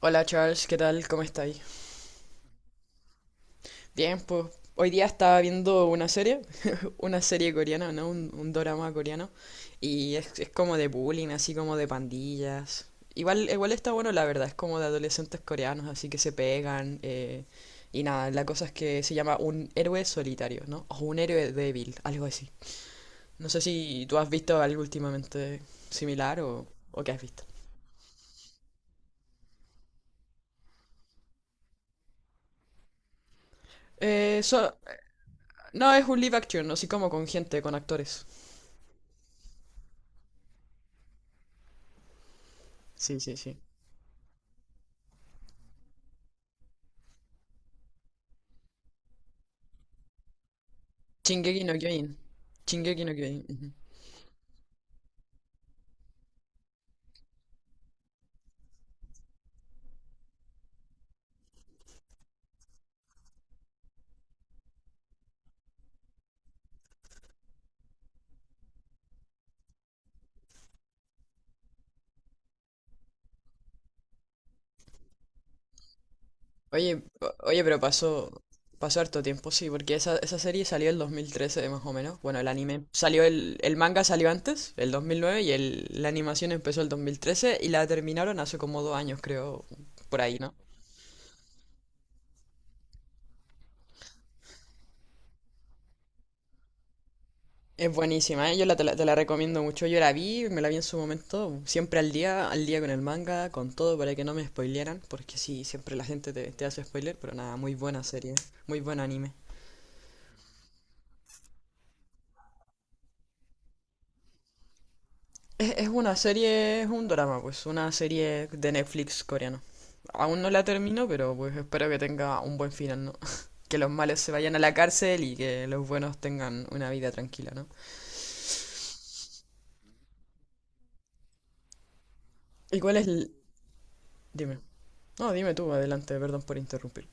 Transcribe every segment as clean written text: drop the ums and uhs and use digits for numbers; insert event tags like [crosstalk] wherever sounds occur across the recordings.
Hola Charles, ¿qué tal? ¿Cómo estáis? Bien, pues hoy día estaba viendo una serie, [laughs] una serie coreana, ¿no? Un dorama coreano, y es como de bullying, así como de pandillas. Igual, igual está bueno, la verdad, es como de adolescentes coreanos, así que se pegan, y nada, la cosa es que se llama un héroe solitario, ¿no? O un héroe débil, algo así. No sé si tú has visto algo últimamente similar o qué has visto. Eh, so- no, es un live action, así como con gente, con actores. Sí, sí, sí. Shingeki no Kyojin. Shingeki no Kyojin. Ujú. Oye, oye, pero pasó harto tiempo, sí, porque esa serie salió en 2013 más o menos. Bueno, el anime salió, el manga salió antes, el 2009, y la animación empezó el 2013 y la terminaron hace como dos años, creo, por ahí, ¿no? Es buenísima, ¿eh? Yo la, te la, te la recomiendo mucho. Yo la vi, me la vi en su momento, siempre al día con el manga, con todo, para que no me spoilearan, porque sí, siempre la gente te hace spoiler, pero nada, muy buena serie, muy buen anime. Es una serie, es un drama, pues, una serie de Netflix coreano. Aún no la termino, pero pues espero que tenga un buen final, ¿no? [laughs] Que los malos se vayan a la cárcel y que los buenos tengan una vida tranquila, ¿no? ¿Y cuál es el...? Dime. No, dime tú, adelante, perdón por interrumpir.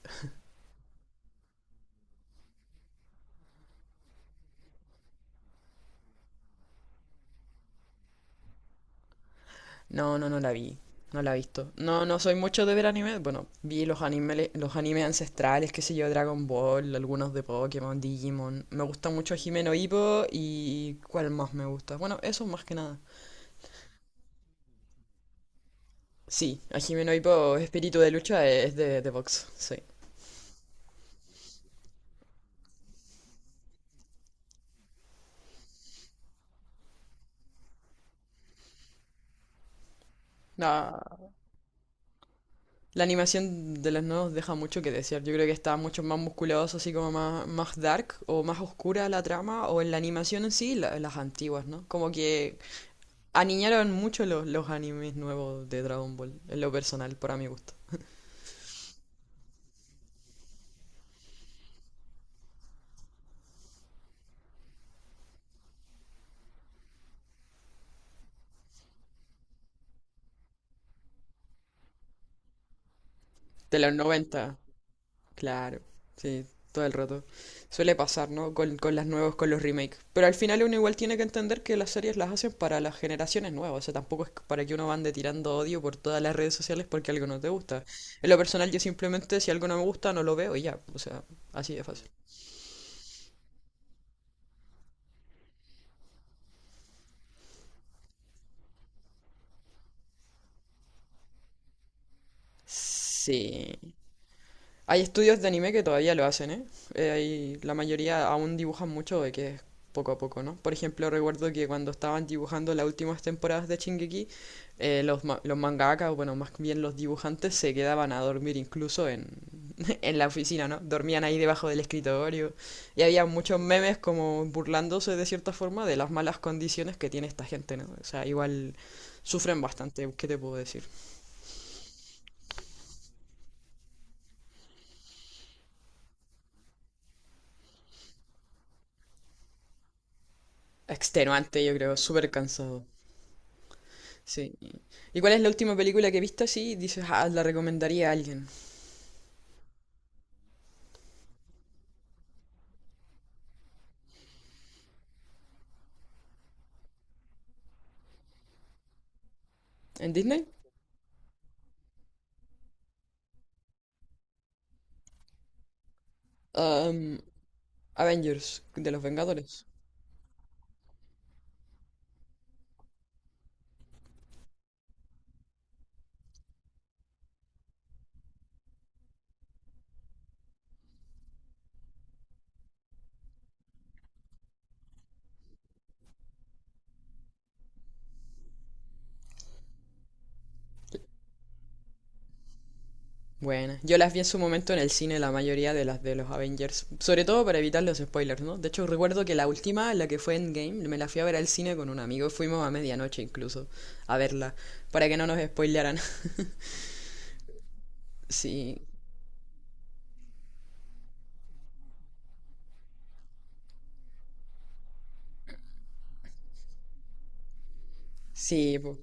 No, no, no la vi. No la he visto. No, no soy mucho de ver anime. Bueno, vi los animes ancestrales, qué sé yo, Dragon Ball, algunos de Pokémon, Digimon. Me gusta mucho Himeno Hippo y... ¿Cuál más me gusta? Bueno, eso más que nada. Sí, a Jimeno Hippo, espíritu de lucha, es de box, sí. La, la animación de los nodos deja mucho que desear. Yo creo que está mucho más musculoso, así como más, más dark o más oscura la trama, o en la animación en sí, las antiguas, ¿no? Como que aniñaron mucho los animes nuevos de Dragon Ball, en lo personal, para mi gusto. De los 90. Claro, sí, todo el rato. Suele pasar, ¿no? Con las nuevas, con los remakes. Pero al final uno igual tiene que entender que las series las hacen para las generaciones nuevas. O sea, tampoco es para que uno ande tirando odio por todas las redes sociales porque algo no te gusta. En lo personal, yo simplemente si algo no me gusta, no lo veo y ya. O sea, así de fácil. Sí. Hay estudios de anime que todavía lo hacen, ¿eh? La mayoría aún dibujan mucho de que es poco a poco, ¿no? Por ejemplo, recuerdo que cuando estaban dibujando las últimas temporadas de Shingeki, los mangakas, o bueno, más bien los dibujantes, se quedaban a dormir incluso en, [laughs] en la oficina, ¿no? Dormían ahí debajo del escritorio. Y había muchos memes como burlándose de cierta forma de las malas condiciones que tiene esta gente, ¿no? O sea, igual sufren bastante, ¿qué te puedo decir? Extenuante, yo creo, súper cansado. Sí. ¿Y cuál es la última película que he visto así? Dices, ah, la recomendaría a alguien. ¿En Disney? Am, Avengers, de los Vengadores. Buena. Yo las vi en su momento en el cine, la mayoría de las de los Avengers. Sobre todo para evitar los spoilers, ¿no? De hecho, recuerdo que la última, la que fue Endgame, me la fui a ver al cine con un amigo. Fuimos a medianoche incluso a verla, para que no nos spoilearan. [laughs] Sí, sí, po.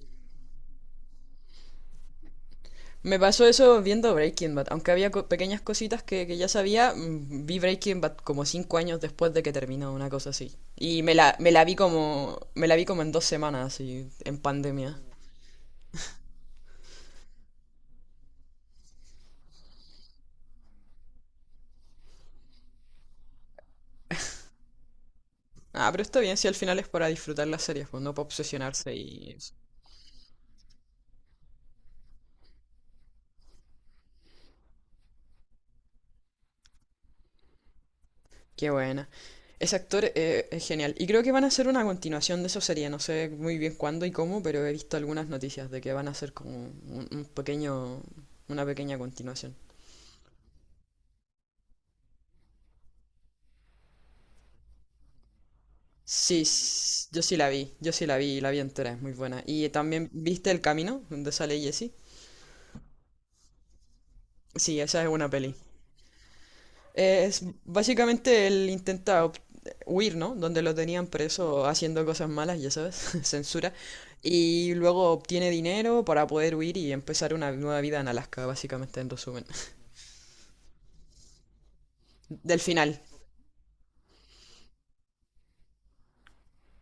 Me pasó eso viendo Breaking Bad, aunque había pequeñas cositas que ya sabía, mm, vi Breaking Bad como cinco años después de que terminó, una cosa así. Y me la vi me la vi como en dos semanas, así, en pandemia. Ah, pero está bien, si al final es para disfrutar las series, pues no para obsesionarse y... eso. Qué buena. Ese actor, es genial. Y creo que van a hacer una continuación de esa serie, no sé muy bien cuándo y cómo, pero he visto algunas noticias de que van a hacer como un pequeño, una pequeña continuación. Sí, yo sí la vi, yo sí la vi entera, es muy buena. Y también, ¿viste El Camino, donde sale Jesse? Sí, esa es una peli. Es básicamente huir, ¿no? Donde lo tenían preso haciendo cosas malas, ya sabes, [laughs] censura. Y luego obtiene dinero para poder huir y empezar una nueva vida en Alaska, básicamente, en resumen. [laughs] Del final,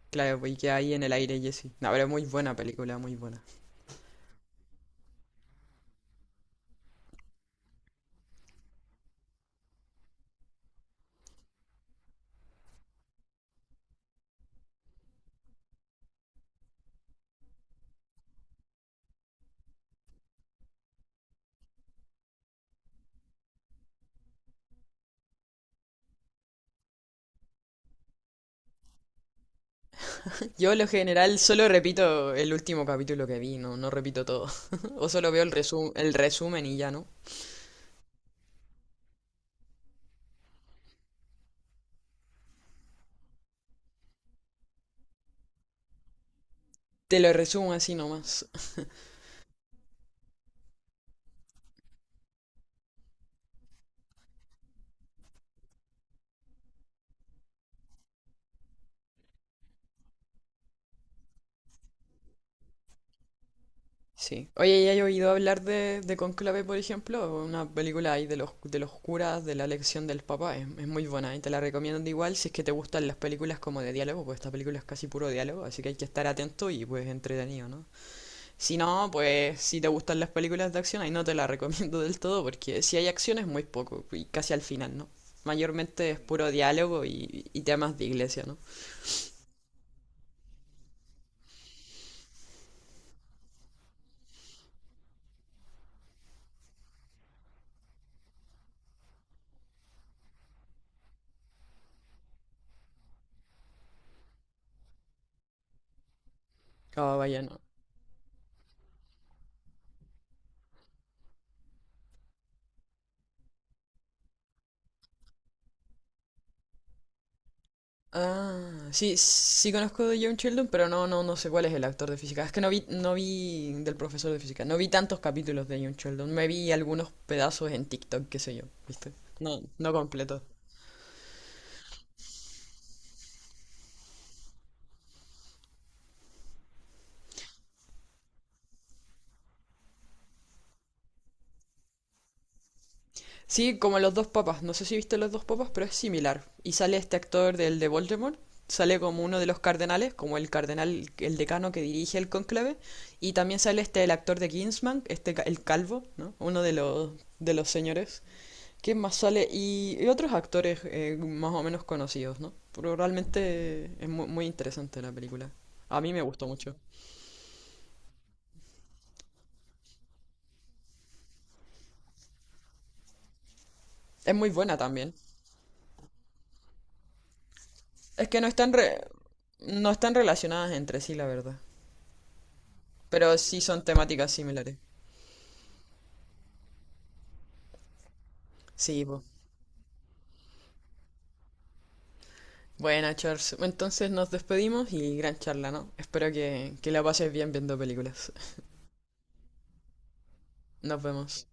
claro, y que ahí en el aire Jesse. No, pero muy buena película, muy buena. Yo, en lo general, solo repito el último capítulo que vi, no, no repito todo. [laughs] O solo veo el resumen y ya, ¿no? Te lo resumo así nomás. [laughs] Sí. Oye, ¿ya has oído hablar de Cónclave, por ejemplo? Una película ahí de los curas, de la elección del Papa. Es muy buena y te la recomiendo igual si es que te gustan las películas como de diálogo, pues esta película es casi puro diálogo, así que hay que estar atento y pues entretenido, ¿no? Si no, pues si te gustan las películas de acción, ahí no te la [laughs] recomiendo del todo porque si hay acción es muy poco y casi al final, ¿no? Mayormente es puro diálogo y temas de iglesia, ¿no? Ah, vaya, no. Ah, sí, sí conozco de John Sheldon, pero no, no, no sé cuál es el actor de física. Es que no vi, no vi del profesor de física, no vi tantos capítulos de John Sheldon, me vi algunos pedazos en TikTok, qué sé yo, ¿viste? No, no completo. Sí, como Los Dos Papas. No sé si viste Los Dos Papas, pero es similar. Y sale este actor del de Voldemort. Sale como uno de los cardenales, como el cardenal, el decano que dirige el cónclave. Y también sale este, el actor de Kingsman, este, el calvo, ¿no? Uno de los señores. ¿Quién más sale? Y otros actores, más o menos conocidos, ¿no? Pero realmente es muy interesante la película. A mí me gustó mucho. Es muy buena también. Es que no están, no están relacionadas entre sí, la verdad. Pero sí son temáticas similares. Sí, pues. Bueno, Charles, entonces nos despedimos y gran charla, ¿no? Espero que la pases bien viendo películas. Nos vemos.